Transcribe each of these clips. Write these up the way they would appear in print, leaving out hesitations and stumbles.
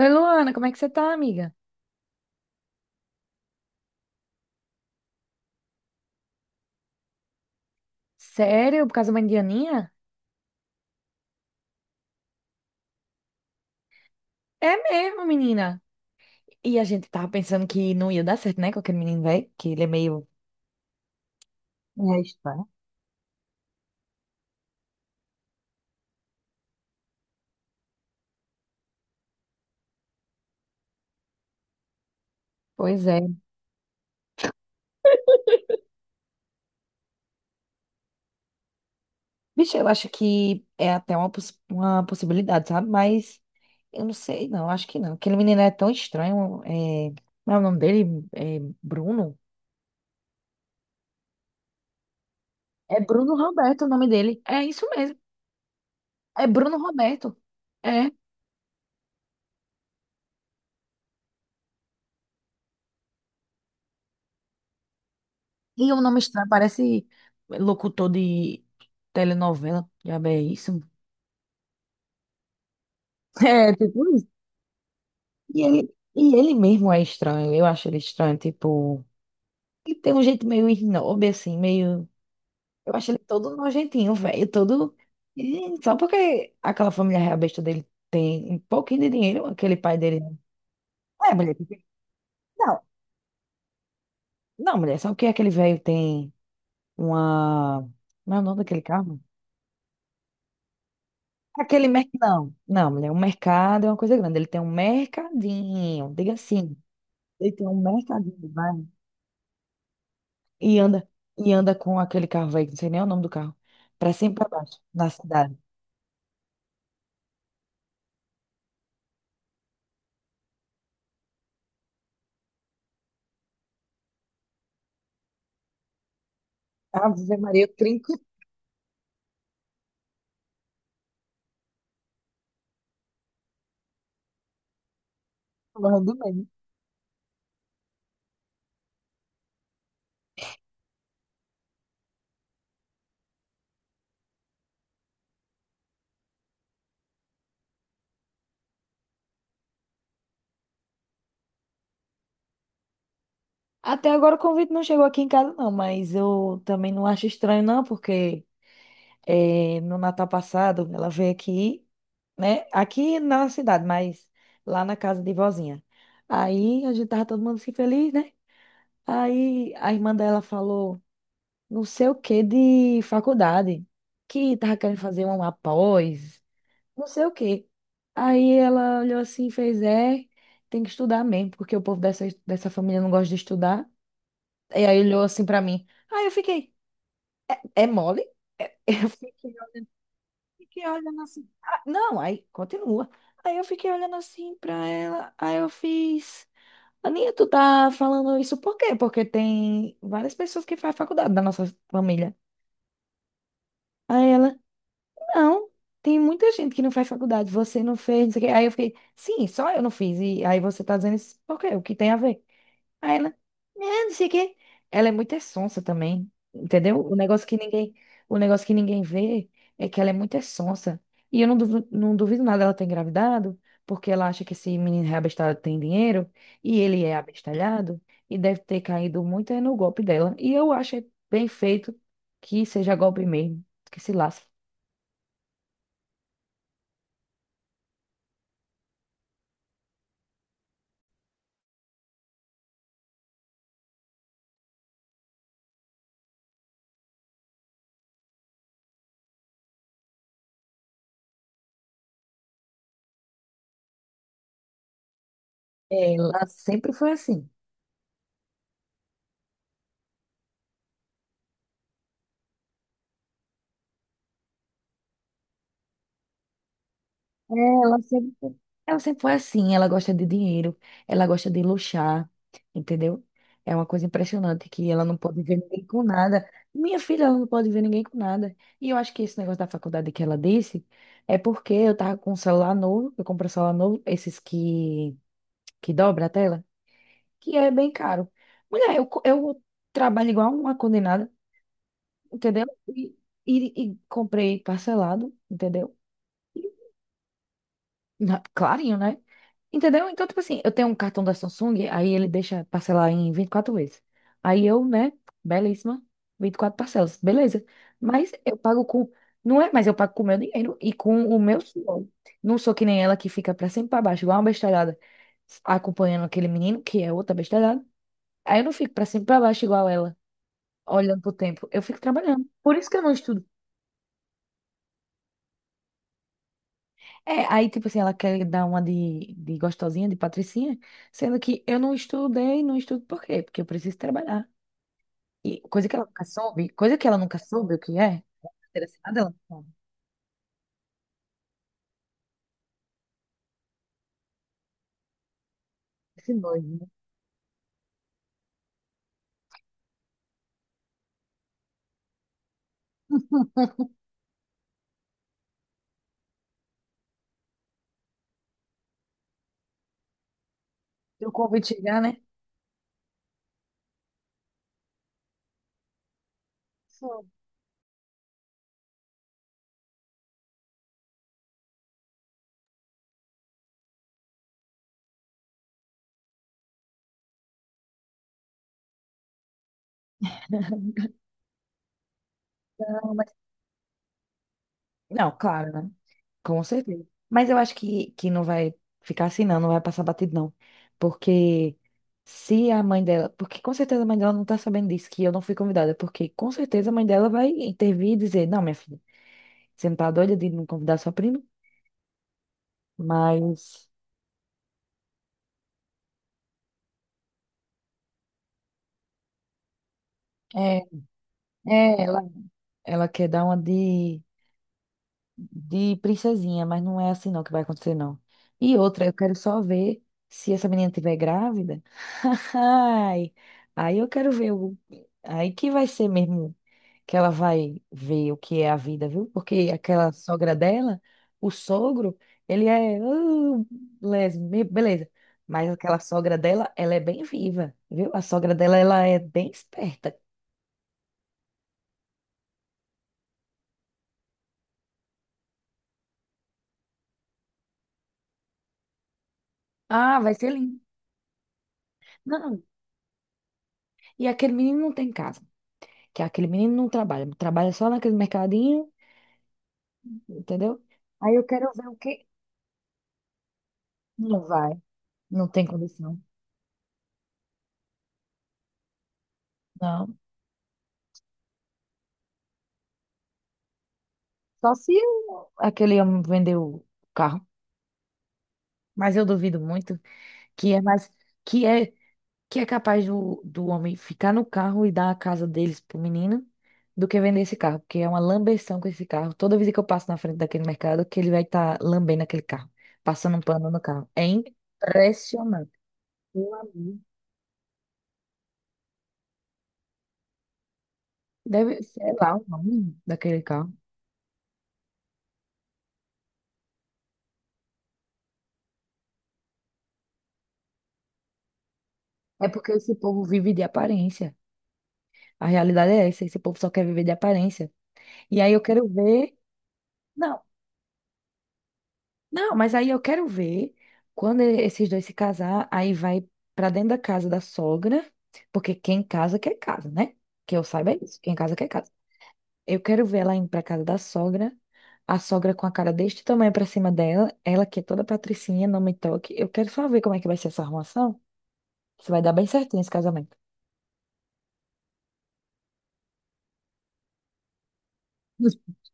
Oi, Luana, como é que você tá, amiga? Sério? Por causa da Indianinha? É mesmo, menina. E a gente tava pensando que não ia dar certo, né, com aquele menino velho, que ele é meio. É estranho. Pois é. Bicho, eu acho que é até uma possibilidade, sabe? Mas eu não sei, não, acho que não. Aquele menino é tão estranho. É. Como é o nome dele? É Bruno? É Bruno Roberto o nome dele. É isso mesmo. É Bruno Roberto. É. E um nome estranho, parece locutor de telenovela. Já é isso. É, tipo isso. E ele mesmo é estranho. Eu acho ele estranho, tipo. Ele tem um jeito meio snob, assim, meio. Eu acho ele todo nojentinho, velho. Todo. E só porque aquela família real besta dele tem um pouquinho de dinheiro, aquele pai dele. É, mulher. Não, não, mulher. Só que aquele velho tem uma. Não é o nome daquele carro? Aquele mercado. Não, não, mulher, o mercado é uma coisa grande. Ele tem um mercadinho, diga assim. Ele tem um mercadinho de bairro e anda com aquele carro velho, que não sei nem o nome do carro, pra cima e pra baixo, na cidade. Ave Maria, eu trinco e pulo do meio. Até agora o convite não chegou aqui em casa, não, mas eu também não acho estranho, não, porque no Natal passado ela veio aqui, né? Aqui na cidade, mas lá na casa de vozinha. Aí a gente tava todo mundo assim feliz, né? Aí a irmã dela falou, não sei o que de faculdade, que tava querendo fazer uma pós, não sei o que. Aí ela olhou assim e fez, é, tem que estudar mesmo, porque o povo dessa família não gosta de estudar. E aí olhou assim pra mim. Aí eu fiquei, é mole? É. Eu fiquei olhando assim. "Ah, não, aí continua. Aí eu fiquei olhando assim pra ela. Aí eu fiz. Aninha, tu tá falando isso por quê? Porque tem várias pessoas que fazem faculdade da nossa família. Aí ela, não, tem muita gente que não faz faculdade, você não fez, não sei o quê. Aí eu fiquei, sim, só eu não fiz. E aí você tá dizendo isso por quê? O que tem a ver? Aí ela, né, não sei o quê. Ela é muito é sonsa também, entendeu? O negócio que ninguém vê é que ela é muito é sonsa. E eu não duvido, não duvido nada ela ter engravidado, porque ela acha que esse menino reabestalhado tem dinheiro, e ele é abestalhado, e deve ter caído muito é no golpe dela. E eu acho é bem feito que seja golpe mesmo, que se lasque. Ela sempre foi assim. É, ela sempre foi assim, ela gosta de dinheiro, ela gosta de luxar, entendeu? É uma coisa impressionante que ela não pode ver ninguém com nada. Minha filha, ela não pode ver ninguém com nada. E eu acho que esse negócio da faculdade que ela disse é porque eu tava com um celular novo, eu comprei um celular novo, esses que dobra a tela, que é bem caro. Mulher, eu trabalho igual uma condenada, entendeu? E comprei parcelado, entendeu? Na- Clarinho, né? Entendeu? Então, tipo assim, eu tenho um cartão da Samsung, aí ele deixa parcelar em 24 vezes. Aí eu, né, belíssima, 24 parcelas, beleza. Mas eu pago com. Não é, mas eu pago com o meu dinheiro e com o meu suor. Não sou que nem ela que fica pra sempre pra baixo, igual uma bestalhada, acompanhando aquele menino, que é outra bestalhada. Aí eu não fico pra sempre pra baixo igual ela, olhando pro tempo. Eu fico trabalhando. Por isso que eu não estudo. É, aí, tipo assim, ela quer dar uma de gostosinha, de patricinha, sendo que eu não estudei, não estudo por quê? Porque eu preciso trabalhar. E coisa que ela nunca soube, coisa que ela nunca soube o que é, carteira assinada, ela não sabe. Esse doido, né? Se o convite chegar, né? Sou. Não, mas. Não, claro, né? Com certeza. Mas eu acho que não vai ficar assim, não, não vai passar batido, não. Porque se a mãe dela. Porque com certeza a mãe dela não tá sabendo disso, que eu não fui convidada. Porque com certeza a mãe dela vai intervir e dizer: Não, minha filha. Você não tá doida de não convidar sua prima? Mas é, é ela, ela quer dar uma de princesinha, mas não é assim não que vai acontecer, não. E outra, eu quero só ver se essa menina tiver grávida. Ai, aí eu quero ver o, aí que vai ser mesmo que ela vai ver o que é a vida, viu? Porque aquela sogra dela, o sogro, ele é les- be- beleza. Mas aquela sogra dela, ela é bem viva, viu? A sogra dela, ela é bem esperta. Ah, vai ser lindo. Não, e aquele menino não tem casa, que aquele menino não trabalha, trabalha só naquele mercadinho, entendeu? Aí eu quero ver o que não vai, não tem condição. Não. Só se o- aquele homem vender o carro, mas eu duvido muito. Que é mais que é que é capaz do homem ficar no carro e dar a casa deles pro menino do que vender esse carro, porque é uma lambeção com esse carro. Toda vez que eu passo na frente daquele mercado, que ele vai estar lambendo aquele carro, passando um pano no carro. É impressionante. Meu amigo. Deve ser lá o nome daquele carro. É porque esse povo vive de aparência. A realidade é essa, esse povo só quer viver de aparência. E aí eu quero ver. Não, não, mas aí eu quero ver quando esses dois se casar, aí vai pra dentro da casa da sogra, porque quem casa quer casa, né? Que eu saiba é isso, quem casa quer casa. Eu quero ver ela indo pra casa da sogra, a sogra com a cara deste tamanho pra cima dela, ela que é toda patricinha, não me toque. Eu quero só ver como é que vai ser essa arrumação, se vai dar bem certinho esse casamento.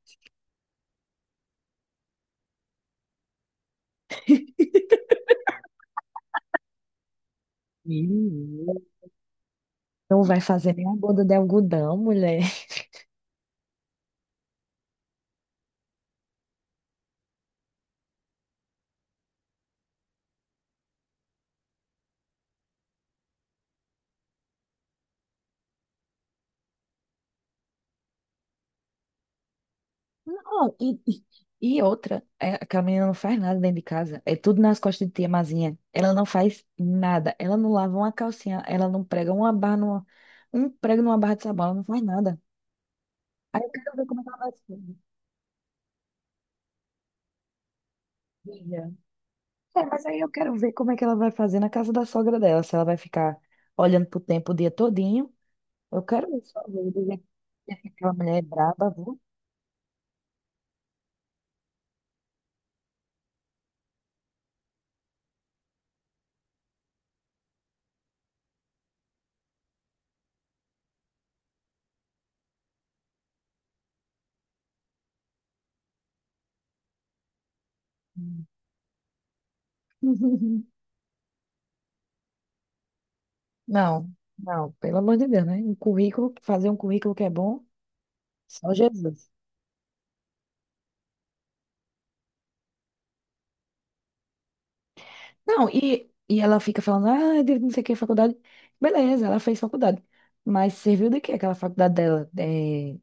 Menina. Não vai fazer nem a boda de algodão, mulher. Não, e outra, é, aquela menina não faz nada dentro de casa. É tudo nas costas de tia Mazinha. Ela não faz nada. Ela não lava uma calcinha. Ela não prega uma barra numa, um prego numa barra de sabão. Ela não faz nada. Aí eu quero ver como é que ela vai fazer. Veja. É, mas aí eu quero ver como é que ela vai fazer na casa da sogra dela. Se ela vai ficar olhando pro tempo o dia todinho. Eu quero ver só ver do jeito que aquela mulher é braba, viu? Não, não, pelo amor de Deus, né? Um currículo, fazer um currículo que é bom, só Jesus. Não, e ela fica falando, ah, de não sei o que, faculdade. Beleza, ela fez faculdade. Mas serviu de quê aquela faculdade dela? É,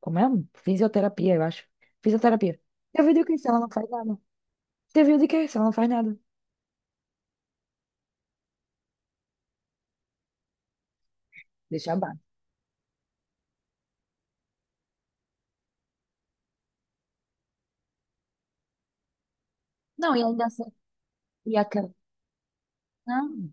como é? Fisioterapia, eu acho. Fisioterapia. Serviu de quê se ela não faz nada? Serviu de quê se ela não faz nada? Deixa abaixo. Não, e ainda assim, e aquela. Não.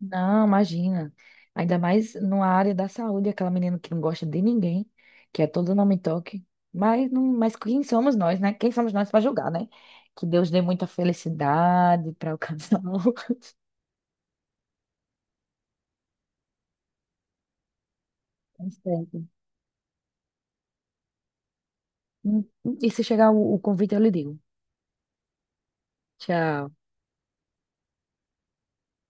Não, imagina. Ainda mais numa área da saúde, aquela menina que não gosta de ninguém, que é todo nome e toque. Mas, não, mas quem somos nós, né? Quem somos nós para julgar, né? Que Deus dê muita felicidade para o casal. Tá certo. E se chegar o convite, eu lhe digo. Tchau.